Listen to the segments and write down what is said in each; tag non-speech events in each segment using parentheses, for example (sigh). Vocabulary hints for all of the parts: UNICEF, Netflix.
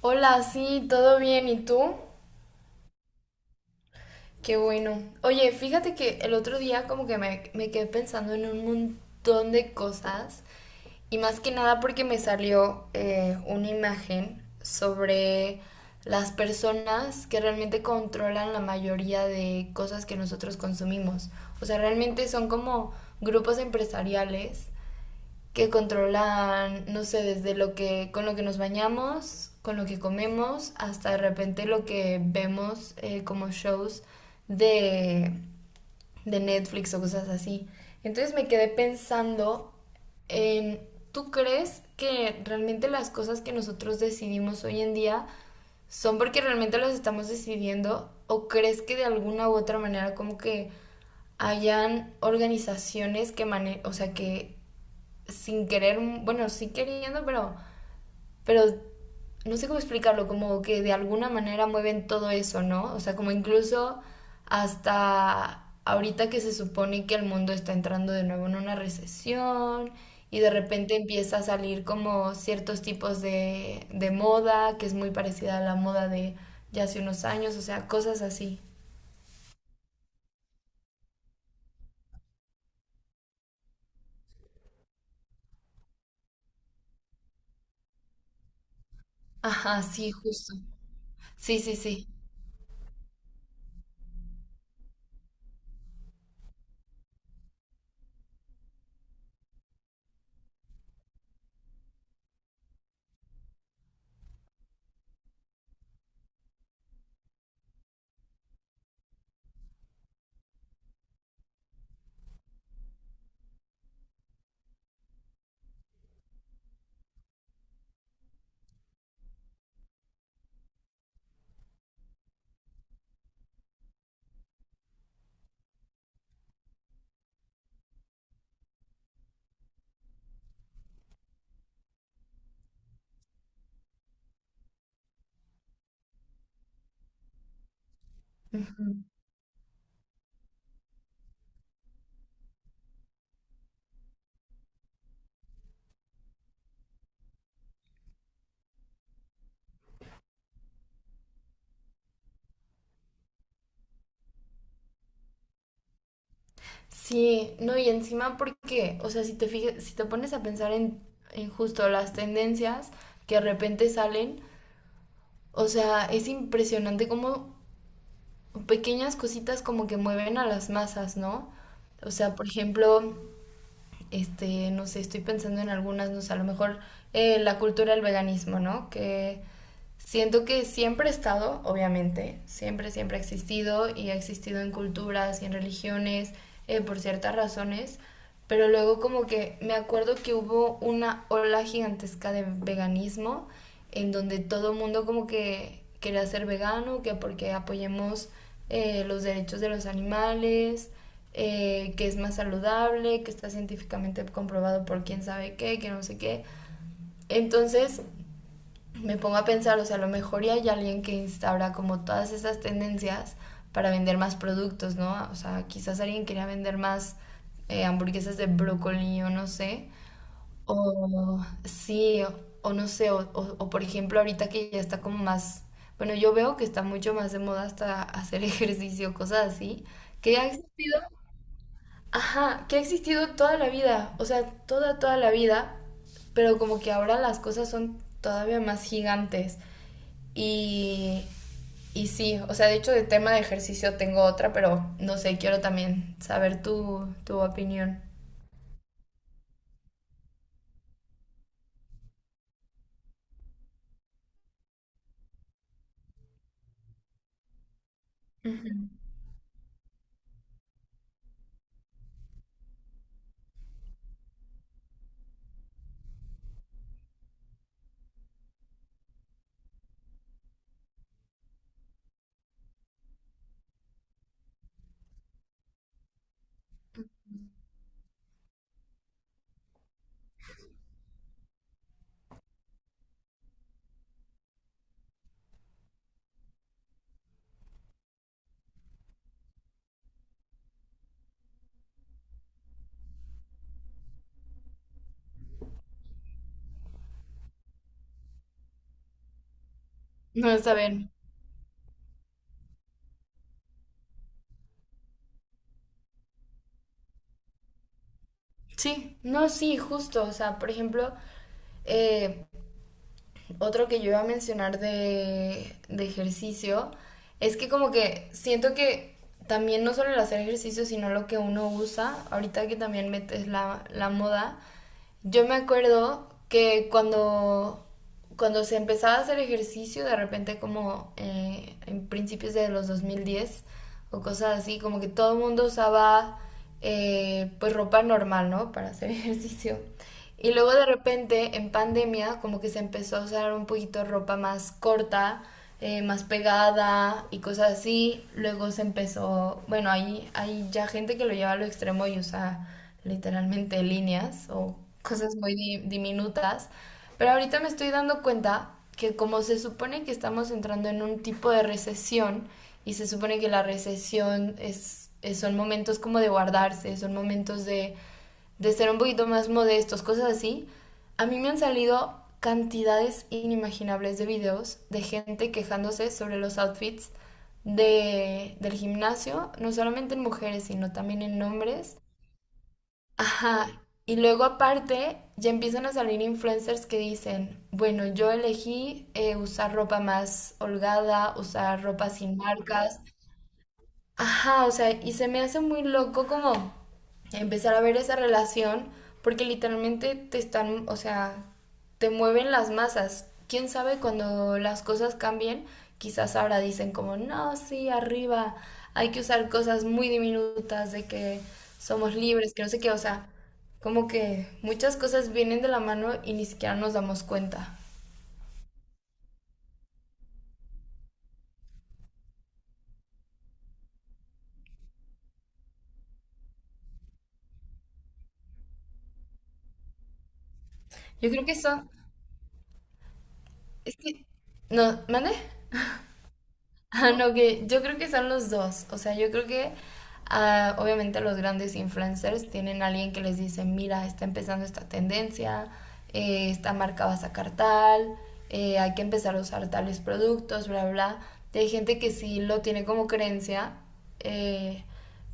Hola, sí, todo bien, ¿y tú? Qué bueno. Oye, fíjate que el otro día como que me quedé pensando en un montón de cosas y más que nada porque me salió una imagen sobre las personas que realmente controlan la mayoría de cosas que nosotros consumimos. O sea, realmente son como grupos empresariales que controlan, no sé, desde con lo que nos bañamos, con lo que comemos, hasta de repente lo que vemos como shows de, de Netflix o cosas así. Entonces me quedé pensando en, ¿tú crees que realmente las cosas que nosotros decidimos hoy en día son porque realmente las estamos decidiendo o crees que de alguna u otra manera como que hayan organizaciones que mane o sea que sin querer, bueno, sí queriendo, pero no sé cómo explicarlo, como que de alguna manera mueven todo eso, ¿no? O sea, como incluso hasta ahorita que se supone que el mundo está entrando de nuevo en una recesión y de repente empieza a salir como ciertos tipos de moda que es muy parecida a la moda de ya hace unos años, o sea, cosas así. Ajá, sí, justo. Sí, sí, sí. Sí, no, y encima porque, o sea, si te fijas, si te pones a pensar en justo las tendencias que de repente salen, o sea, es impresionante cómo pequeñas cositas como que mueven a las masas, ¿no? O sea, por ejemplo, este, no sé, estoy pensando en algunas, no sé, a lo mejor la cultura del veganismo, ¿no? Que siento que siempre ha estado, obviamente, siempre ha existido y ha existido en culturas y en religiones por ciertas razones, pero luego como que me acuerdo que hubo una ola gigantesca de veganismo en donde todo el mundo como que quería ser vegano, que porque apoyemos los derechos de los animales, que es más saludable, que está científicamente comprobado por quién sabe qué, que no sé qué. Entonces me pongo a pensar, o sea, a lo mejor ya hay alguien que instaura como todas esas tendencias para vender más productos, ¿no? O sea, quizás alguien quería vender más hamburguesas de brócoli o no sé, o sí, o no sé, o por ejemplo ahorita que ya está como más, bueno, yo veo que está mucho más de moda hasta hacer (laughs) ejercicio, cosas así, que ha existido, ajá, que ha existido toda la vida, o sea, toda, toda la vida, pero como que ahora las cosas son todavía más gigantes. Y, y sí, o sea, de hecho de tema de ejercicio tengo otra, pero no sé, quiero también saber tu opinión. Ujú. No, está bien. Sí. No, sí, justo. O sea, por ejemplo, eh, otro que yo iba a mencionar de ejercicio es que como que siento que también no solo el hacer ejercicio, sino lo que uno usa, ahorita que también metes la moda, yo me acuerdo que cuando se empezaba a hacer ejercicio, de repente como en principios de los 2010 o cosas así, como que todo el mundo usaba pues ropa normal, ¿no? Para hacer (laughs) ejercicio. Y luego de repente en pandemia como que se empezó a usar un poquito ropa más corta, más pegada y cosas así. Luego se empezó, bueno, hay ya gente que lo lleva a lo extremo y usa literalmente líneas o cosas muy diminutas. Pero ahorita me estoy dando cuenta que como se supone que estamos entrando en un tipo de recesión y se supone que la recesión son momentos como de guardarse, son momentos de ser un poquito más modestos, cosas así, a mí me han salido cantidades inimaginables de videos de gente quejándose sobre los outfits del gimnasio, no solamente en mujeres, sino también en hombres. Ajá. Y luego aparte ya empiezan a salir influencers que dicen, bueno, yo elegí usar ropa más holgada, usar ropa sin marcas. Ajá, o sea, y se me hace muy loco como empezar a ver esa relación, porque literalmente te están, o sea, te mueven las masas. Quién sabe cuando las cosas cambien, quizás ahora dicen como, no, sí, arriba, hay que usar cosas muy diminutas, de que somos libres, que no sé qué, o sea, como que muchas cosas vienen de la mano y ni siquiera nos damos cuenta. Yo creo que eso, es que, no, ¿mande? Ah, no, que yo creo que son los dos. O sea, yo creo que obviamente los grandes influencers tienen a alguien que les dice, mira, está empezando esta tendencia, esta marca va a sacar tal, hay que empezar a usar tales productos, bla, bla. Y hay gente que sí lo tiene como creencia, eh,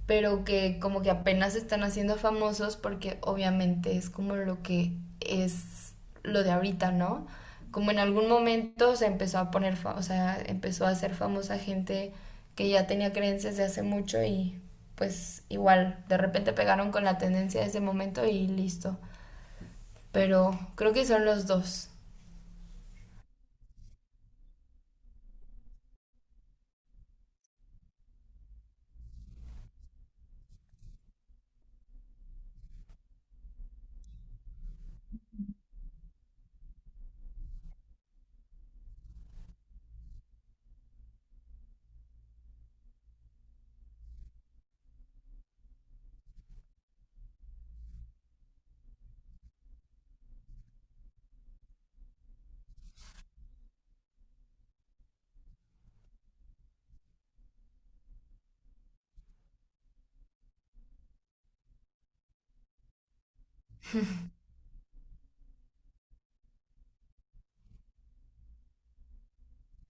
pero que como que apenas se están haciendo famosos porque obviamente es como lo que es lo de ahorita, ¿no? Como en algún momento se empezó a poner, o sea, empezó a ser famosa gente que ya tenía creencias de hace mucho y pues igual, de repente pegaron con la tendencia de ese momento y listo. Pero creo que son los dos.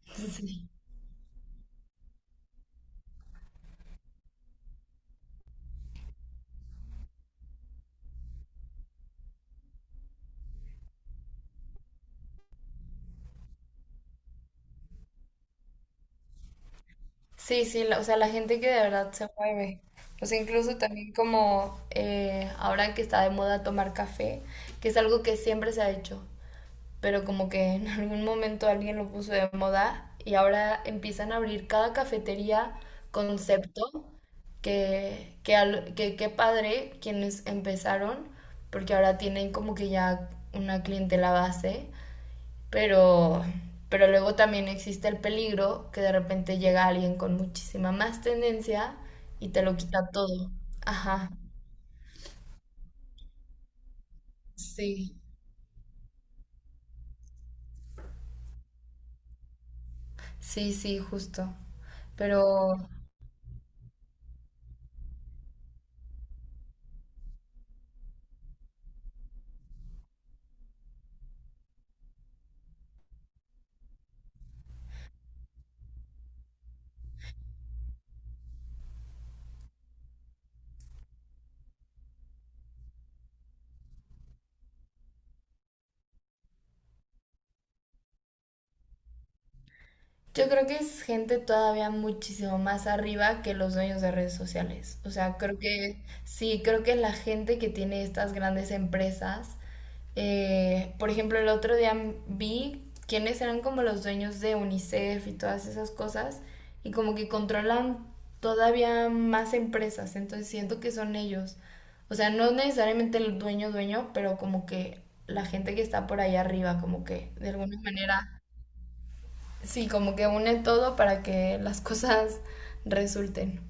(laughs) Sí. Sí, sí, la- o sea, la gente que de verdad se mueve. O sea, incluso también como ahora que está de moda tomar café, que es algo que siempre se ha hecho, pero como que en (laughs) algún momento alguien lo puso de moda y ahora empiezan a abrir cada cafetería concepto qué padre quienes empezaron, porque ahora tienen como que ya una clientela base pero, pero luego también existe el peligro que de repente llega alguien con muchísima más tendencia y te lo quita todo. Ajá, sí, sí, sí, justo. Pero yo creo que es gente todavía muchísimo más arriba que los dueños de redes sociales. O sea, creo que sí, creo que la gente que tiene estas grandes empresas. Por ejemplo, el otro día vi quiénes eran como los dueños de UNICEF y todas esas cosas, y como que controlan todavía más empresas, entonces siento que son ellos. O sea, no necesariamente el dueño dueño, pero como que la gente que está por ahí arriba, como que de alguna manera, sí, como que une todo para que las (laughs) cosas resulten.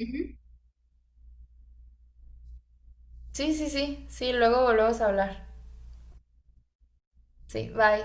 Ujú. Sí, sí, sí, sí, luego volvemos a hablar. Sí, bye.